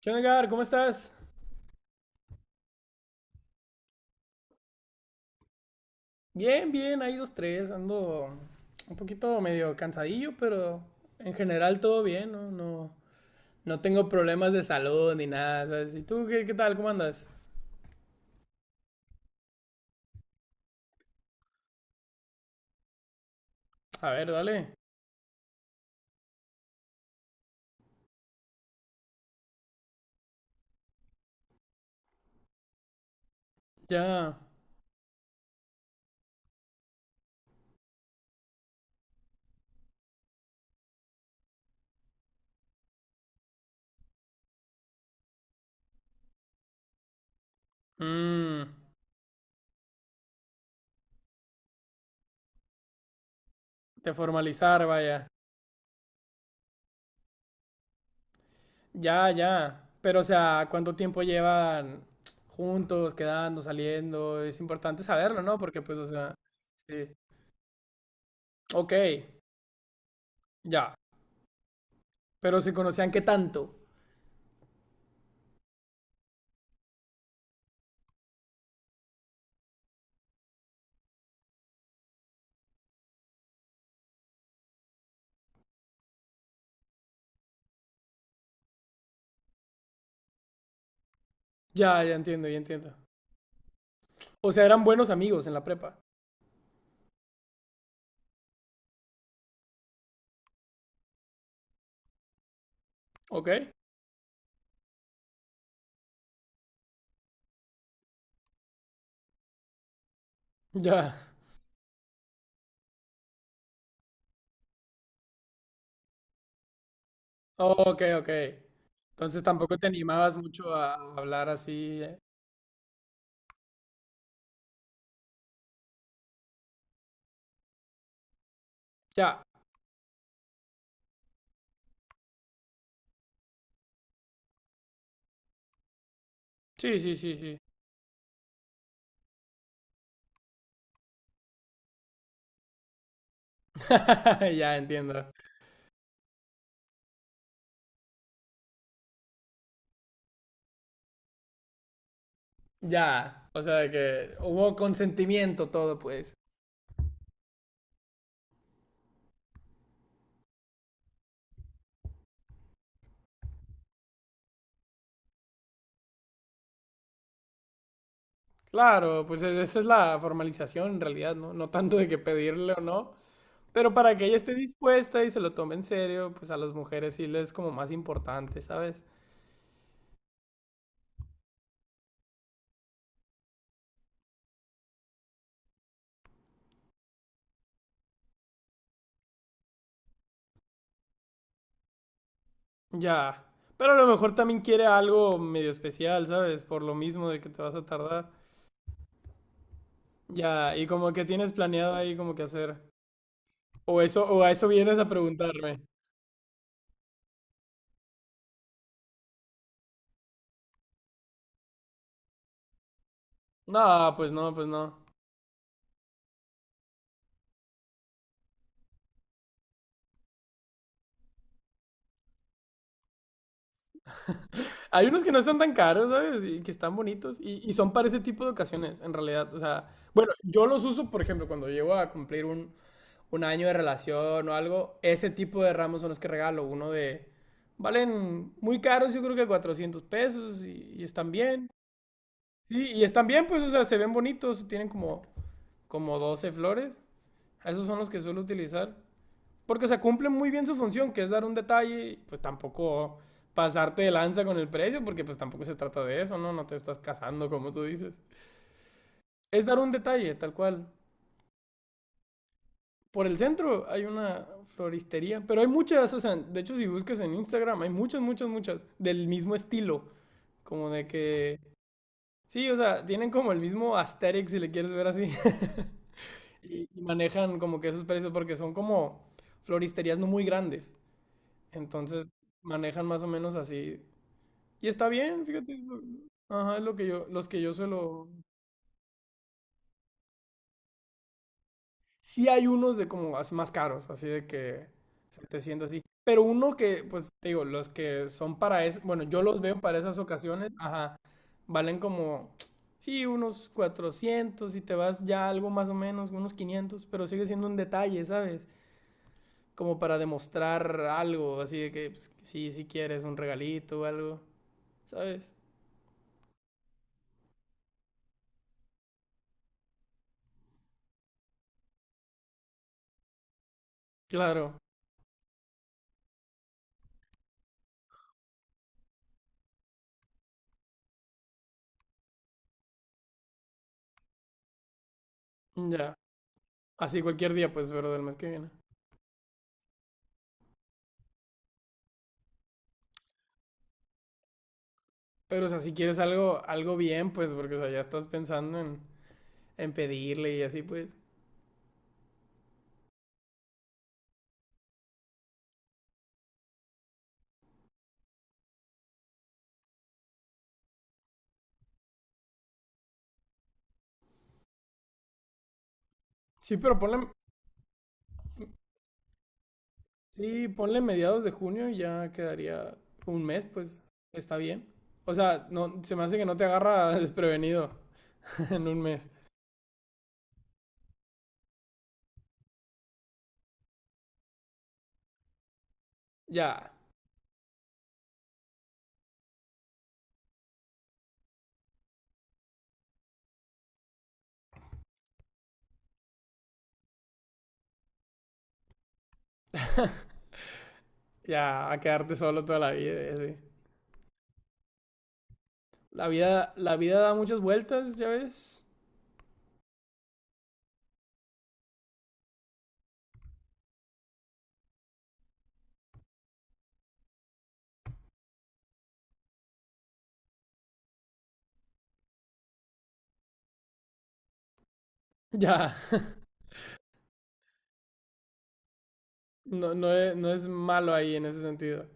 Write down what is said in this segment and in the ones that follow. ¿Qué onda, Edgar? ¿Cómo estás? Bien, bien, ahí dos, tres. Ando un poquito medio cansadillo, pero en general todo bien, ¿no? No, no tengo problemas de salud ni nada, ¿sabes? ¿Y tú qué tal? ¿Cómo andas? A ver, dale. Ya. Mm, de formalizar, vaya. Ya, ya. Pero, o sea, ¿cuánto tiempo llevan juntos, quedando, saliendo? Es importante saberlo, ¿no? Porque, pues, o sea, sí. Ok, ya. Pero se conocían qué tanto. Ya, ya entiendo, ya entiendo. O sea, eran buenos amigos en la prepa. ¿Ok? Ya. Ok, ok. Entonces tampoco te animabas mucho a hablar así. Ya. Sí, sí, sí, sí. Ya entiendo. Ya. O sea, de que hubo consentimiento todo, pues. Claro, pues esa es la formalización en realidad, ¿no? No tanto de que pedirle o no. Pero para que ella esté dispuesta y se lo tome en serio, pues a las mujeres sí les es como más importante, ¿sabes? Ya. Pero a lo mejor también quiere algo medio especial, ¿sabes? Por lo mismo de que te vas a tardar. Ya, y como que tienes planeado ahí como que hacer. O eso, o a eso vienes a preguntarme. No, pues no, pues no. Hay unos que no están tan caros, ¿sabes? Y que están bonitos. Y son para ese tipo de ocasiones, en realidad. O sea, bueno, yo los uso, por ejemplo, cuando llego a cumplir un año de relación o algo. Ese tipo de ramos son los que regalo. Uno de... Valen muy caros, yo creo que 400 pesos y están bien. Sí, y están bien, pues, o sea, se ven bonitos, tienen como 12 flores. Esos son los que suelo utilizar. Porque, o sea, cumplen muy bien su función, que es dar un detalle, y, pues tampoco pasarte de lanza con el precio, porque pues tampoco se trata de eso, ¿no? No te estás casando, como tú dices. Es dar un detalle, tal cual. Por el centro hay una floristería, pero hay muchas, o sea, de hecho si buscas en Instagram hay muchas, muchas, muchas del mismo estilo, como de que... Sí, o sea, tienen como el mismo aesthetic si le quieres ver así. Y manejan como que esos precios porque son como floristerías no muy grandes. Entonces manejan más o menos así. Y está bien, fíjate. Ajá, es lo que yo, los que yo suelo. Sí hay unos de como más caros, así de que 700 así. Pero uno que, pues te digo, los que son para bueno, yo los veo para esas ocasiones, ajá, valen como, sí, unos 400 y te vas ya algo más o menos, unos 500 pero sigue siendo un detalle, ¿sabes? Como para demostrar algo, así de que pues, sí, sí quieres un regalito o algo, ¿sabes? Claro, ya. Así cualquier día, pues, pero del mes que viene. Pero, o sea, si quieres algo, algo bien, pues, porque, o sea, ya estás pensando en pedirle y así, pues. Sí, pero ponle, sí, ponle mediados de junio y ya quedaría un mes, pues, está bien. O sea, no, se me hace que no te agarra desprevenido en un mes. Ya, ya, a quedarte solo toda la vida, y así. La vida da muchas vueltas, ya ves. Ya, no, no, no es malo ahí en ese sentido.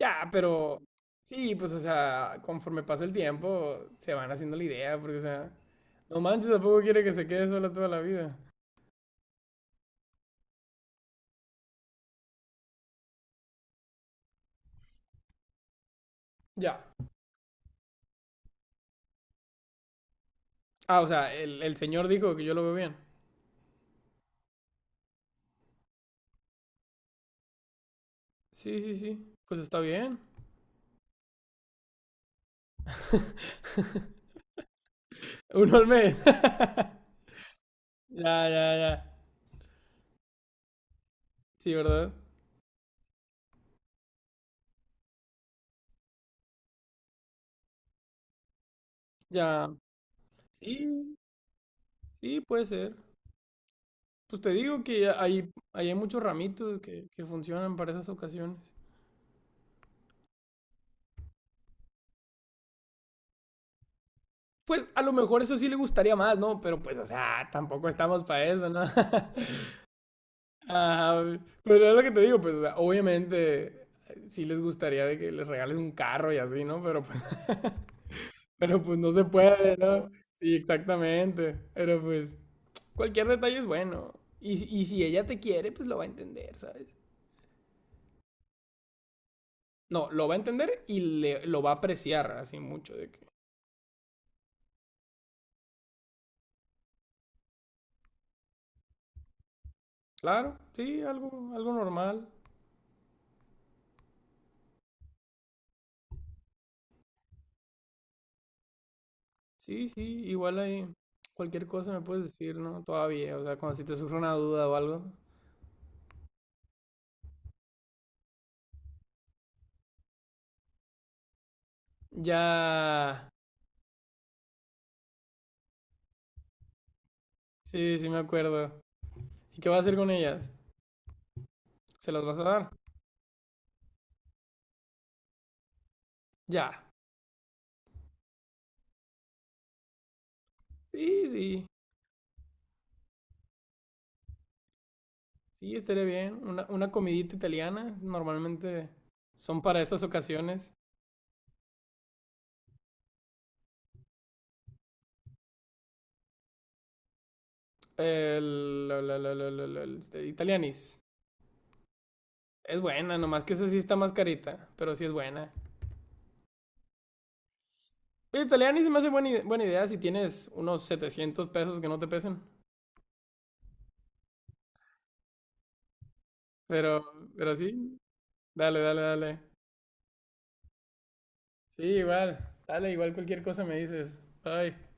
Ya, pero sí, pues, o sea, conforme pasa el tiempo, se van haciendo la idea, porque, o sea, no manches, tampoco quiere que se quede sola toda la vida. Ya. Ah, o sea, el señor dijo que yo lo veo bien. Sí, sí, sí. Pues está bien. Uno al mes. Ya, ya, ya. Sí, ¿verdad? Ya. Sí, sí, puede ser. Pues te digo que hay muchos ramitos que funcionan para esas ocasiones. Pues a lo mejor eso sí le gustaría más, ¿no? Pero pues, o sea, tampoco estamos para eso, ¿no? Ah, pero es lo que te digo, pues, o sea, obviamente sí les gustaría de que les regales un carro y así, ¿no? Pero pues, pero pues no se puede, ¿no? Sí, exactamente. Pero pues, cualquier detalle es bueno. Y si ella te quiere, pues lo va a entender, ¿sabes? No, lo va a entender y lo va a apreciar así mucho de que... Claro, sí, algo normal. Sí, sí, igual ahí cualquier cosa me puedes decir, ¿no? Todavía, o sea, cuando si te surge una duda o algo. Ya, sí, sí me acuerdo. ¿Y qué vas a hacer con ellas? ¿Se las vas a dar? Ya, sí, sí, sí, estaría bien. Una comidita italiana, normalmente son para esas ocasiones. El, la, el- este, Italianis. Es buena, nomás que esa sí está más carita, pero sí es buena. Oye, Italiani se me hace buena, buena idea si tienes unos 700 pesos que no te pesen. Pero, pero sí, dale, dale, dale. Sí, igual. Dale, igual cualquier cosa me dices. Bye.